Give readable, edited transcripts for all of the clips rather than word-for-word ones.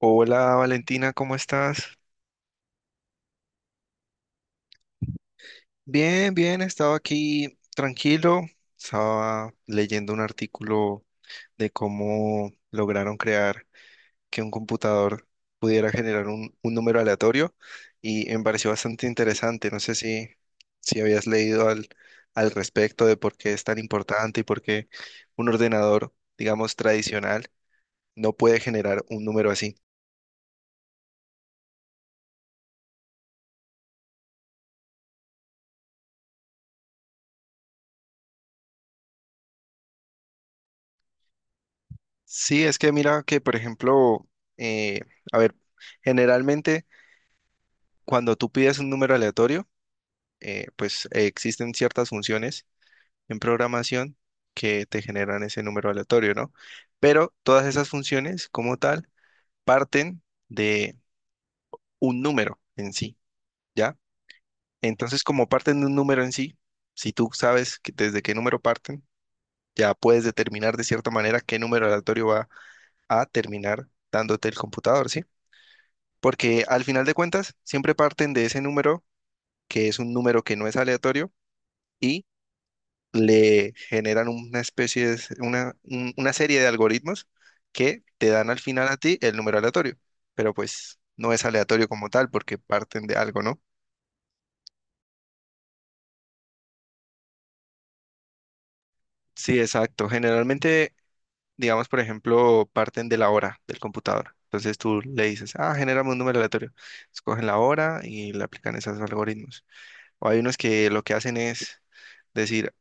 Hola Valentina, ¿cómo estás? Bien, estaba aquí tranquilo, estaba leyendo un artículo de cómo lograron crear que un computador pudiera generar un número aleatorio y me pareció bastante interesante. No sé si habías leído al respecto de por qué es tan importante y por qué un ordenador, digamos, tradicional no puede generar un número así. Sí, es que mira que, por ejemplo, eh, a ver, generalmente cuando tú pides un número aleatorio, existen ciertas funciones en programación que te generan ese número aleatorio, ¿no? Pero todas esas funciones como tal parten de un número en sí, ¿ya? Entonces, como parten de un número en sí, si tú sabes que desde qué número parten, ya puedes determinar de cierta manera qué número aleatorio va a terminar dándote el computador, ¿sí? Porque al final de cuentas siempre parten de ese número, que es un número que no es aleatorio, y le generan una especie de, una, una serie de algoritmos que te dan al final a ti el número aleatorio, pero pues no es aleatorio como tal porque parten de algo, ¿no? Sí, exacto. Generalmente, digamos, por ejemplo, parten de la hora del computador. Entonces tú le dices, ah, genérame un número aleatorio. Escogen la hora y le aplican esos algoritmos. O hay unos que lo que hacen es decir,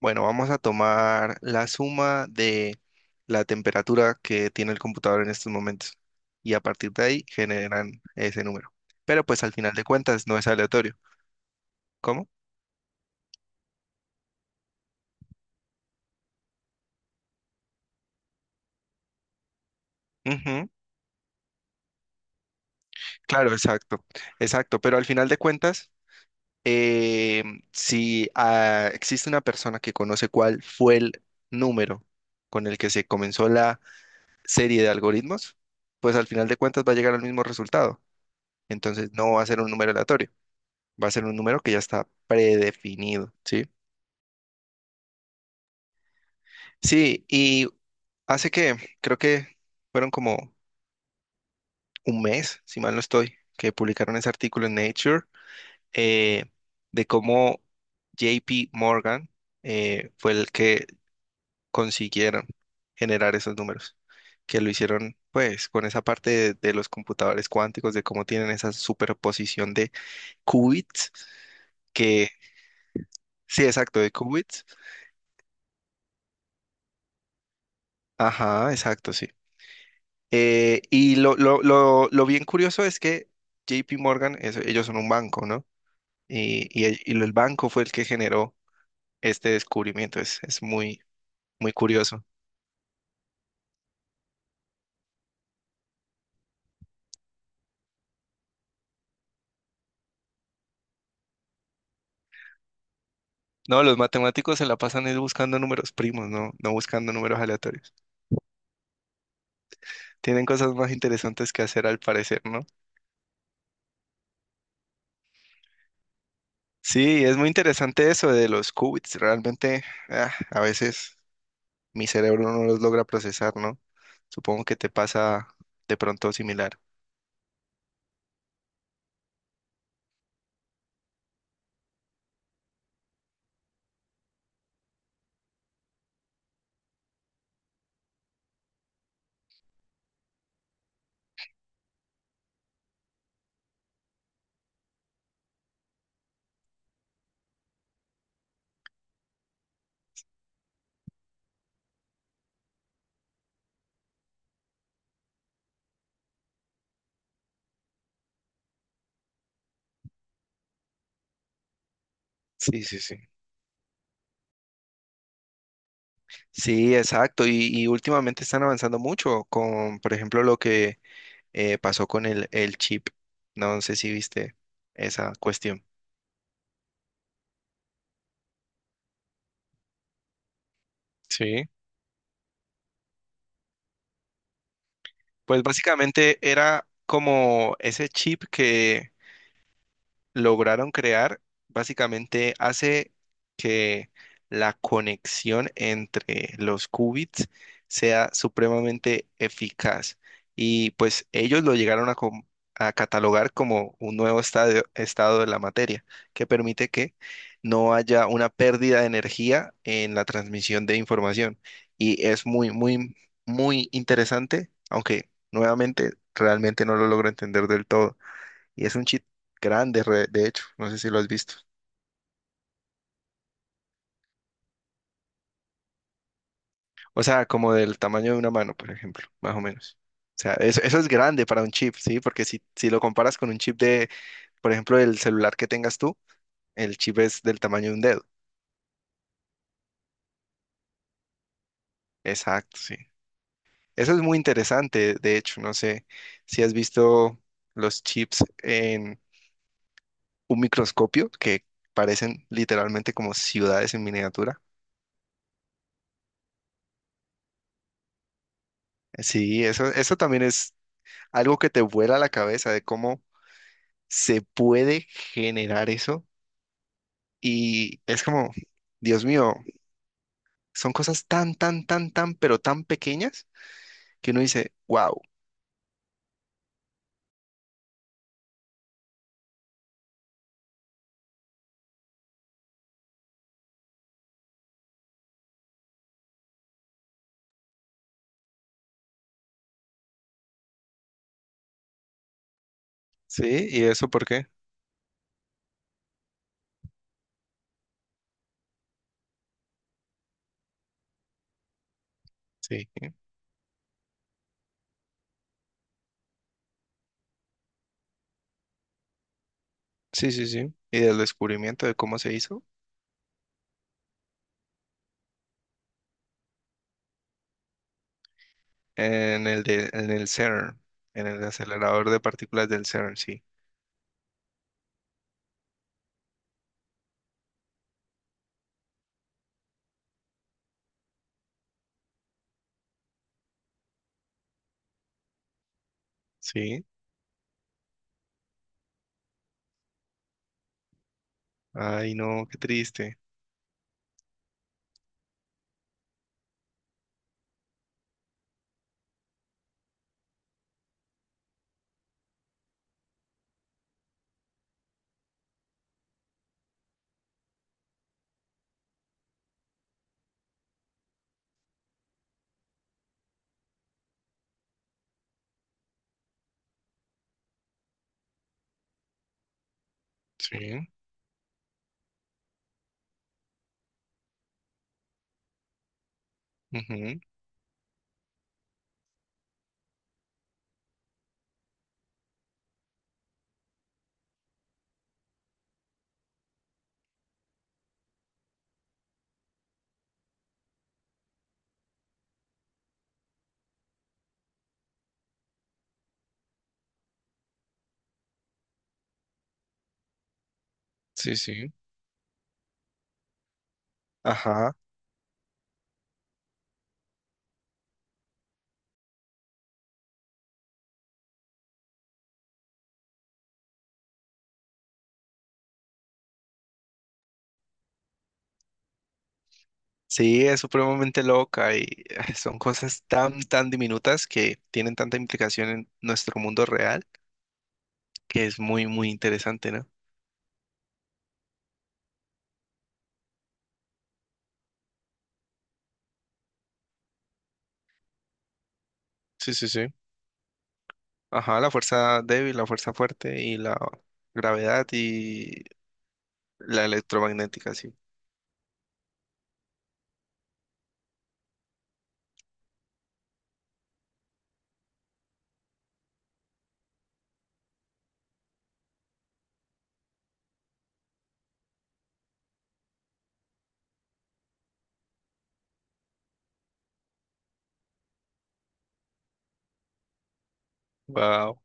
bueno, vamos a tomar la suma de la temperatura que tiene el computador en estos momentos y a partir de ahí generan ese número. Pero pues al final de cuentas no es aleatorio. ¿Cómo? Ujú. Claro, exacto. Pero al final de cuentas, eh, si ah, existe una persona que conoce cuál fue el número con el que se comenzó la serie de algoritmos, pues al final de cuentas va a llegar al mismo resultado. Entonces no va a ser un número aleatorio. Va a ser un número que ya está predefinido, ¿sí? Sí, y hace que, creo que fueron como un mes, si mal no estoy, que publicaron ese artículo en Nature, eh, de cómo JP Morgan fue el que consiguieron generar esos números, que lo hicieron pues con esa parte de los computadores cuánticos, de cómo tienen esa superposición de qubits, que sí, exacto, de qubits. Ajá, exacto, sí. Y lo bien curioso es que JP Morgan, ellos son un banco, ¿no? Y el banco fue el que generó este descubrimiento. Es muy curioso. No, los matemáticos se la pasan es buscando números primos, no buscando números aleatorios. Tienen cosas más interesantes que hacer al parecer, ¿no? Sí, es muy interesante eso de los qubits. Realmente, ah, a veces mi cerebro no los logra procesar, ¿no? Supongo que te pasa de pronto similar. Sí, sí, sí. Sí, exacto. Y últimamente están avanzando mucho con, por ejemplo, lo que pasó con el chip. No sé si viste esa cuestión. Sí. Pues básicamente era como ese chip que lograron crear básicamente hace que la conexión entre los qubits sea supremamente eficaz. Y pues ellos lo llegaron a catalogar como un nuevo estado de la materia, que permite que no haya una pérdida de energía en la transmisión de información. Y es muy interesante, aunque nuevamente realmente no lo logro entender del todo. Y es un chip grande, de hecho, no sé si lo has visto. O sea, como del tamaño de una mano, por ejemplo, más o menos. O sea, eso es grande para un chip, ¿sí? Porque si lo comparas con un chip de, por ejemplo, el celular que tengas tú, el chip es del tamaño de un dedo. Exacto, sí. Eso es muy interesante, de hecho, no sé si has visto los chips en un microscopio que parecen literalmente como ciudades en miniatura. Sí, eso también es algo que te vuela la cabeza de cómo se puede generar eso y es como, Dios mío, son cosas pero tan pequeñas que uno dice, wow, ¿sí? ¿Y eso por qué? Sí, sí, sí, sí. Y del descubrimiento de cómo se hizo en en el CERN, en el acelerador de partículas del CERN, sí, sí. Ay, no, qué triste. Sí, ujú. Sí, sí. Ajá. Sí, es supremamente loca y son cosas tan diminutas que tienen tanta implicación en nuestro mundo real que es muy interesante, ¿no? Sí, sí, sí. Ajá, la fuerza débil, la fuerza fuerte y la gravedad y la electromagnética, sí. Wow.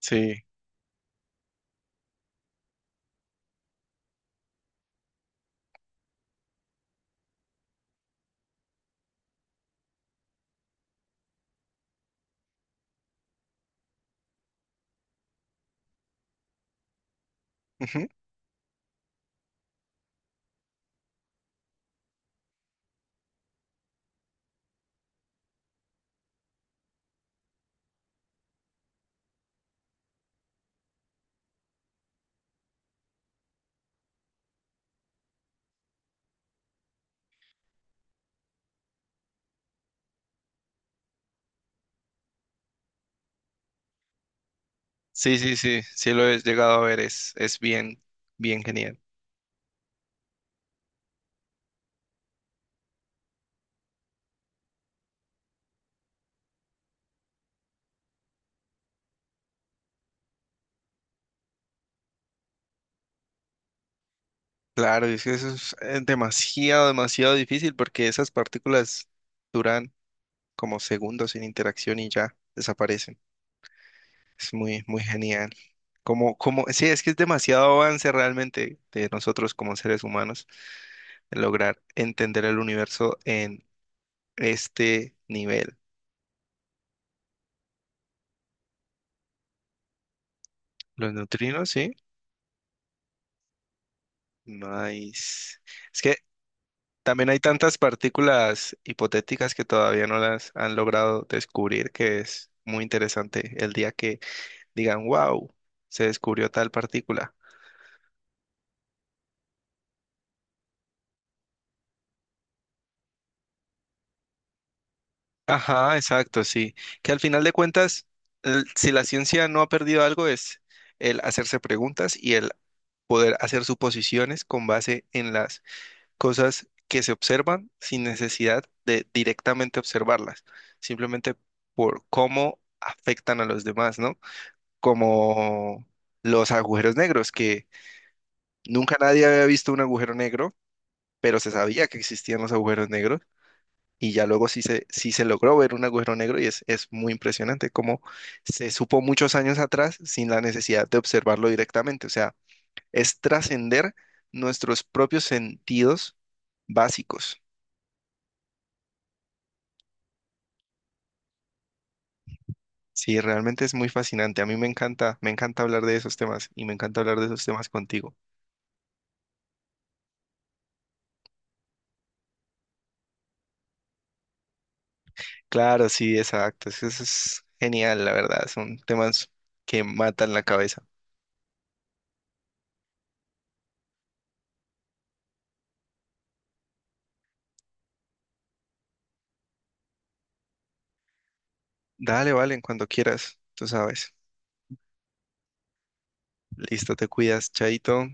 Sí. Ujú. Sí, sí, sí, sí lo he llegado a ver, es bien, bien genial. Claro, es que eso es demasiado, demasiado difícil porque esas partículas duran como segundos sin interacción y ya desaparecen. Es muy genial. Sí, es que es demasiado avance realmente de nosotros como seres humanos en lograr entender el universo en este nivel. Los neutrinos, sí. Nice. Es que también hay tantas partículas hipotéticas que todavía no las han logrado descubrir, que es muy interesante el día que digan, wow, se descubrió tal partícula. Ajá, exacto, sí. Que al final de cuentas, si la ciencia no ha perdido algo, es el hacerse preguntas y el poder hacer suposiciones con base en las cosas que se observan sin necesidad de directamente observarlas, simplemente por cómo afectan a los demás, ¿no? Como los agujeros negros, que nunca nadie había visto un agujero negro, pero se sabía que existían los agujeros negros y ya luego sí se logró ver un agujero negro y es muy impresionante cómo se supo muchos años atrás sin la necesidad de observarlo directamente. O sea, es trascender nuestros propios sentidos básicos. Sí, realmente es muy fascinante. A mí me encanta hablar de esos temas y me encanta hablar de esos temas contigo. Claro, sí, exacto. Eso es genial, la verdad. Son temas que matan la cabeza. Dale, vale, cuando quieras, tú sabes. Listo, te cuidas, chaito.